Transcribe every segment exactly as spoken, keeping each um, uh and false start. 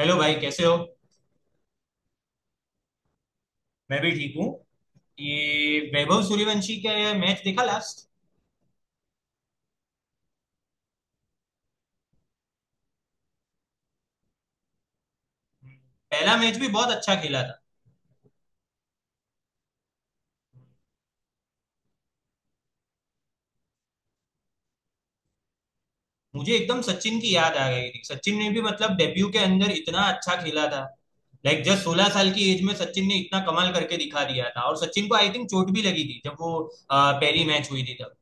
Hello भाई कैसे हो। मैं भी ठीक हूँ। ये वैभव सूर्यवंशी का ये मैच देखा लास्ट। पहला मैच भी बहुत अच्छा खेला था। मुझे एकदम सचिन की याद आ गई थी। सचिन ने भी मतलब डेब्यू के अंदर इतना अच्छा खेला था। लाइक जस्ट सोलह साल की एज में सचिन ने इतना कमाल करके दिखा दिया था और सचिन को आई थिंक चोट भी लगी थी जब वो अ, पहली मैच हुई थी तब।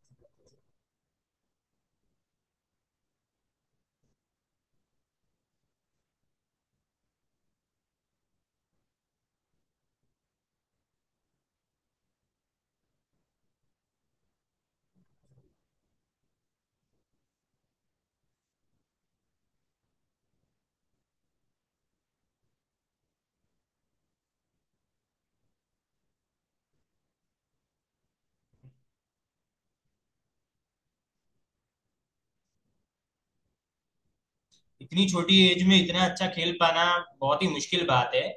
इतनी छोटी एज में इतना अच्छा खेल पाना बहुत ही मुश्किल बात है,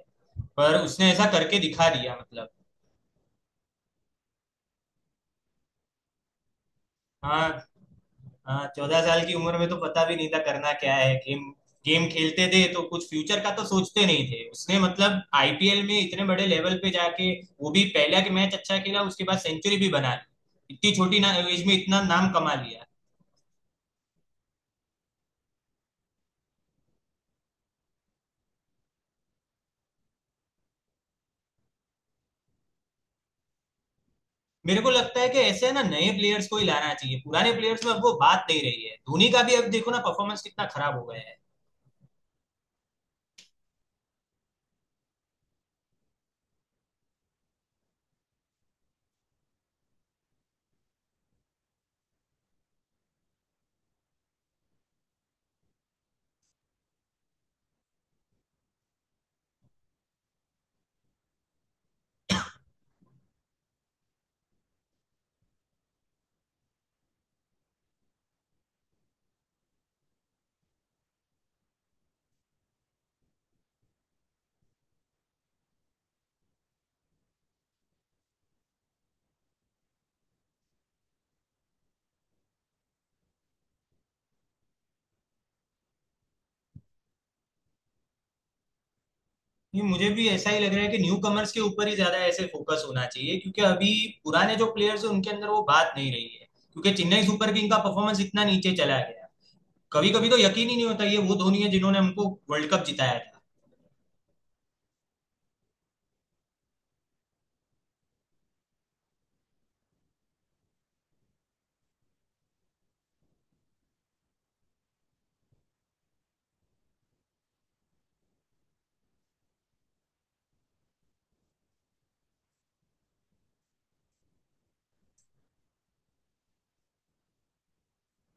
पर उसने ऐसा करके दिखा दिया मतलब। हाँ। हाँ, चौदह साल की उम्र में तो पता भी नहीं था करना क्या है। गेम गेम खेलते थे तो कुछ फ्यूचर का तो सोचते नहीं थे। उसने मतलब आईपीएल में इतने बड़े लेवल पे जाके, वो भी पहला के मैच अच्छा खेला, उसके बाद सेंचुरी भी बना ली। इतनी छोटी ना एज में इतना नाम कमा लिया। मेरे को लगता है कि ऐसे है ना नए प्लेयर्स को ही लाना चाहिए। पुराने प्लेयर्स में अब वो बात नहीं रही है। धोनी का भी अब देखो ना परफॉर्मेंस कितना खराब हो गया है। नहीं, मुझे भी ऐसा ही लग रहा है कि न्यू कमर्स के ऊपर ही ज्यादा ऐसे फोकस होना चाहिए, क्योंकि अभी पुराने जो प्लेयर्स हैं उनके अंदर वो बात नहीं रही है। क्योंकि चेन्नई सुपर किंग का परफॉर्मेंस इतना नीचे चला गया, कभी कभी तो यकीन ही नहीं होता ये वो धोनी है जिन्होंने हमको वर्ल्ड कप जिताया था।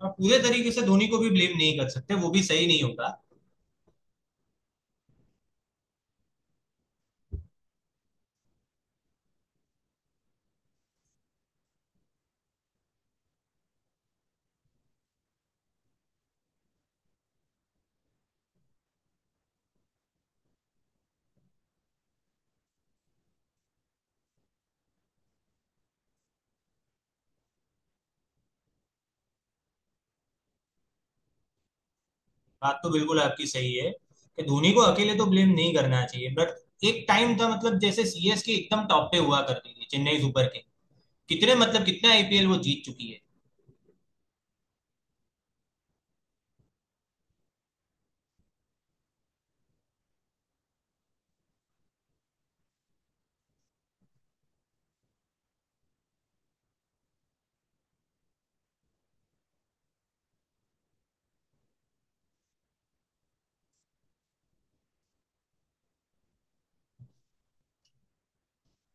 और पूरे तरीके से धोनी को भी ब्लेम नहीं कर सकते, वो भी सही नहीं होगा। बात तो बिल्कुल आपकी सही है कि धोनी को अकेले तो ब्लेम नहीं करना चाहिए, बट एक टाइम था मतलब जैसे सीएसके एकदम टॉप पे हुआ करती थी चेन्नई सुपर किंग। कितने मतलब कितने आईपीएल वो जीत चुकी है।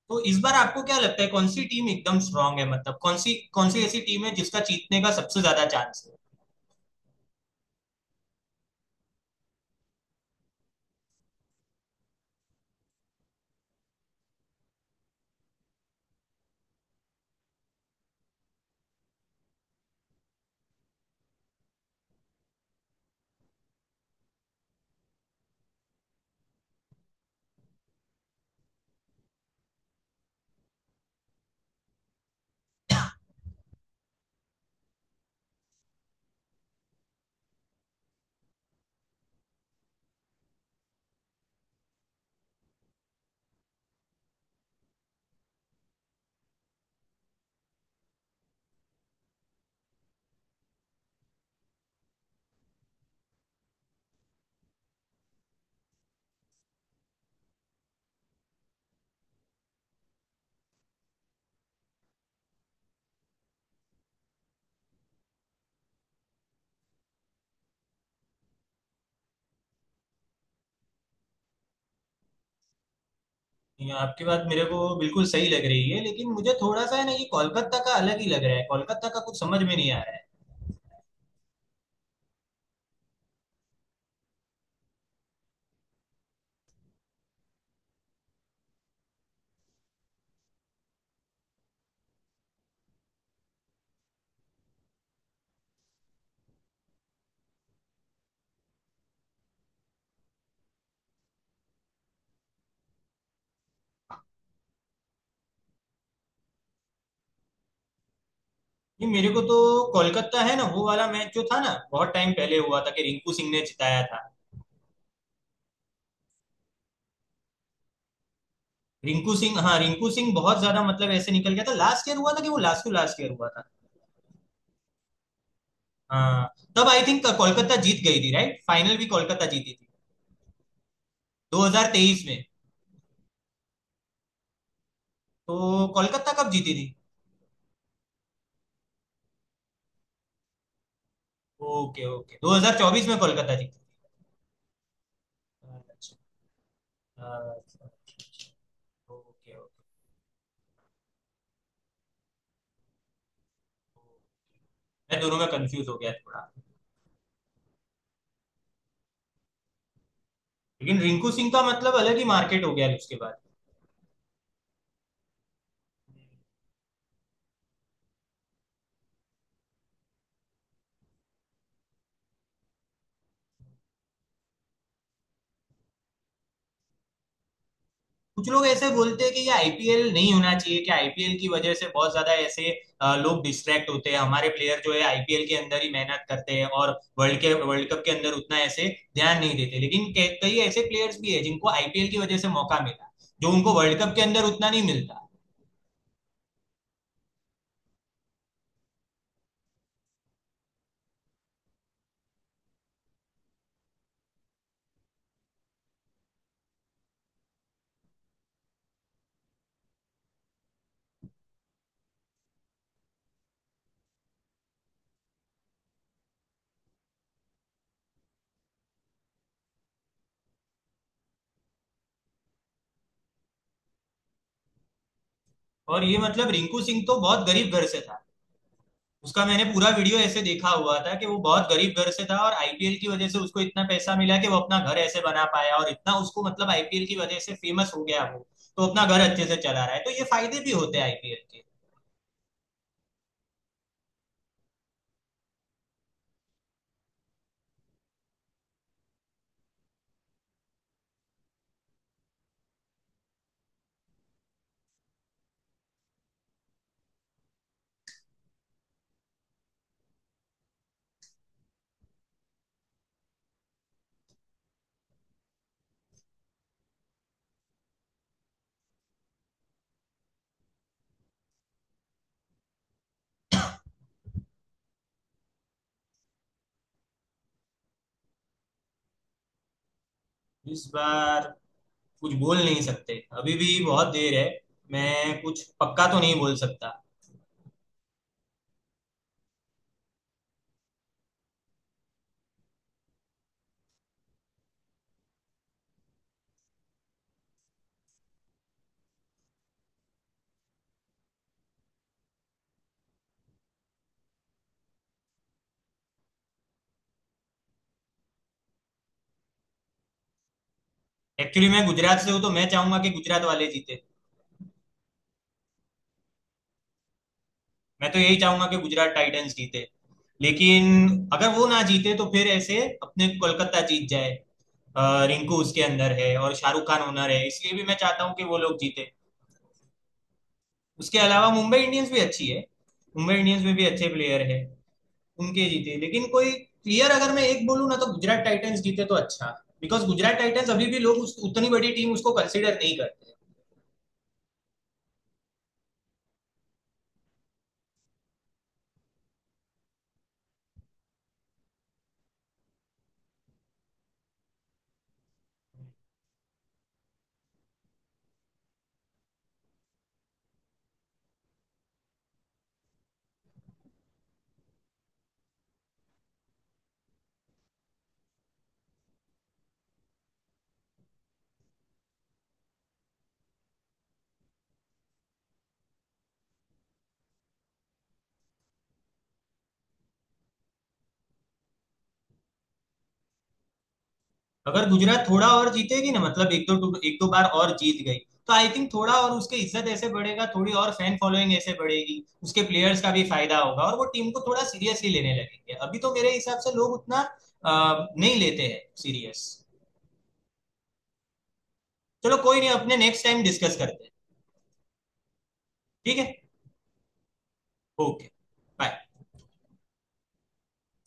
तो इस बार आपको क्या लगता है कौन सी टीम एकदम स्ट्रांग है? मतलब कौन सी कौन सी ऐसी टीम है जिसका जीतने का सबसे ज्यादा चांस है? ये आपकी बात मेरे को बिल्कुल सही लग रही है, लेकिन मुझे थोड़ा सा है ना ये कोलकाता का अलग ही लग रहा है। कोलकाता का कुछ समझ में नहीं आ रहा है। ये मेरे को तो कोलकाता है ना, वो वाला मैच जो था ना, बहुत टाइम पहले हुआ था कि रिंकू सिंह ने जिताया था। रिंकू सिंह, हाँ रिंकू सिंह बहुत ज्यादा मतलब ऐसे निकल गया था। लास्ट ईयर हुआ था कि वो, लास्ट टू लास्ट ईयर हुआ था। हाँ, तब आई थिंक कोलकाता जीत गई थी, राइट? फाइनल भी कोलकाता जीती थी। दो हज़ार तेईस में? तो कोलकाता कब जीती थी? ओके ओके, दो हज़ार चौबीस में कोलकाता जीती थी। अच्छा। अच्छा, अच्छा। Okay okay. मैं दोनों में कंफ्यूज हो गया थोड़ा। लेकिन रिंकू सिंह का मतलब अलग ही मार्केट हो गया उसके बाद। कुछ लोग ऐसे बोलते हैं कि ये आईपीएल नहीं होना चाहिए, कि आईपीएल की वजह से बहुत ज्यादा ऐसे अ, लोग डिस्ट्रैक्ट होते हैं। हमारे प्लेयर जो है आईपीएल के अंदर ही मेहनत करते हैं और वर्ल्ड के वर्ल्ड कप के अंदर उतना ऐसे ध्यान नहीं देते। लेकिन कई कई ऐसे प्लेयर्स भी है जिनको आईपीएल की वजह से मौका मिला, जो उनको वर्ल्ड कप के अंदर उतना नहीं मिलता। और ये मतलब रिंकू सिंह तो बहुत गरीब घर से था। उसका मैंने पूरा वीडियो ऐसे देखा हुआ था कि वो बहुत गरीब घर से था, और आईपीएल की वजह से उसको इतना पैसा मिला कि वो अपना घर ऐसे बना पाया, और इतना उसको मतलब आईपीएल की वजह से फेमस हो गया वो। तो अपना घर अच्छे से चला रहा है। तो ये फायदे भी होते हैं आईपीएल के। इस बार कुछ बोल नहीं सकते, अभी भी बहुत देर है। मैं कुछ पक्का तो नहीं बोल सकता। एक्चुअली मैं गुजरात से हूँ तो मैं चाहूंगा कि गुजरात वाले जीते। मैं तो यही चाहूंगा कि गुजरात टाइटंस जीते। लेकिन अगर वो ना जीते तो फिर ऐसे अपने कोलकाता जीत जाए। अ, रिंकू उसके अंदर है और शाहरुख खान ओनर है, इसलिए भी मैं चाहता हूँ कि वो लोग जीते। उसके अलावा मुंबई इंडियंस भी अच्छी है। मुंबई इंडियंस में भी अच्छे प्लेयर है। उनके जीते, लेकिन कोई क्लियर अगर मैं एक बोलूँ ना, तो गुजरात टाइटंस जीते तो अच्छा। बिकॉज गुजरात टाइटंस अभी भी लोग उस, उतनी बड़ी टीम उसको कंसिडर नहीं करते। अगर गुजरात थोड़ा और जीतेगी ना, मतलब एक दो एक दो बार और जीत गई, तो आई थिंक थोड़ा और उसके इज्जत ऐसे बढ़ेगा, थोड़ी और फैन फॉलोइंग ऐसे बढ़ेगी, उसके प्लेयर्स का भी फायदा होगा, और वो टीम को थोड़ा सीरियसली लेने लगेंगे। अभी तो मेरे हिसाब से लोग उतना अ, नहीं लेते हैं सीरियस। चलो कोई नहीं, अपने नेक्स्ट टाइम डिस्कस करते हैं। ठीक है। ओके।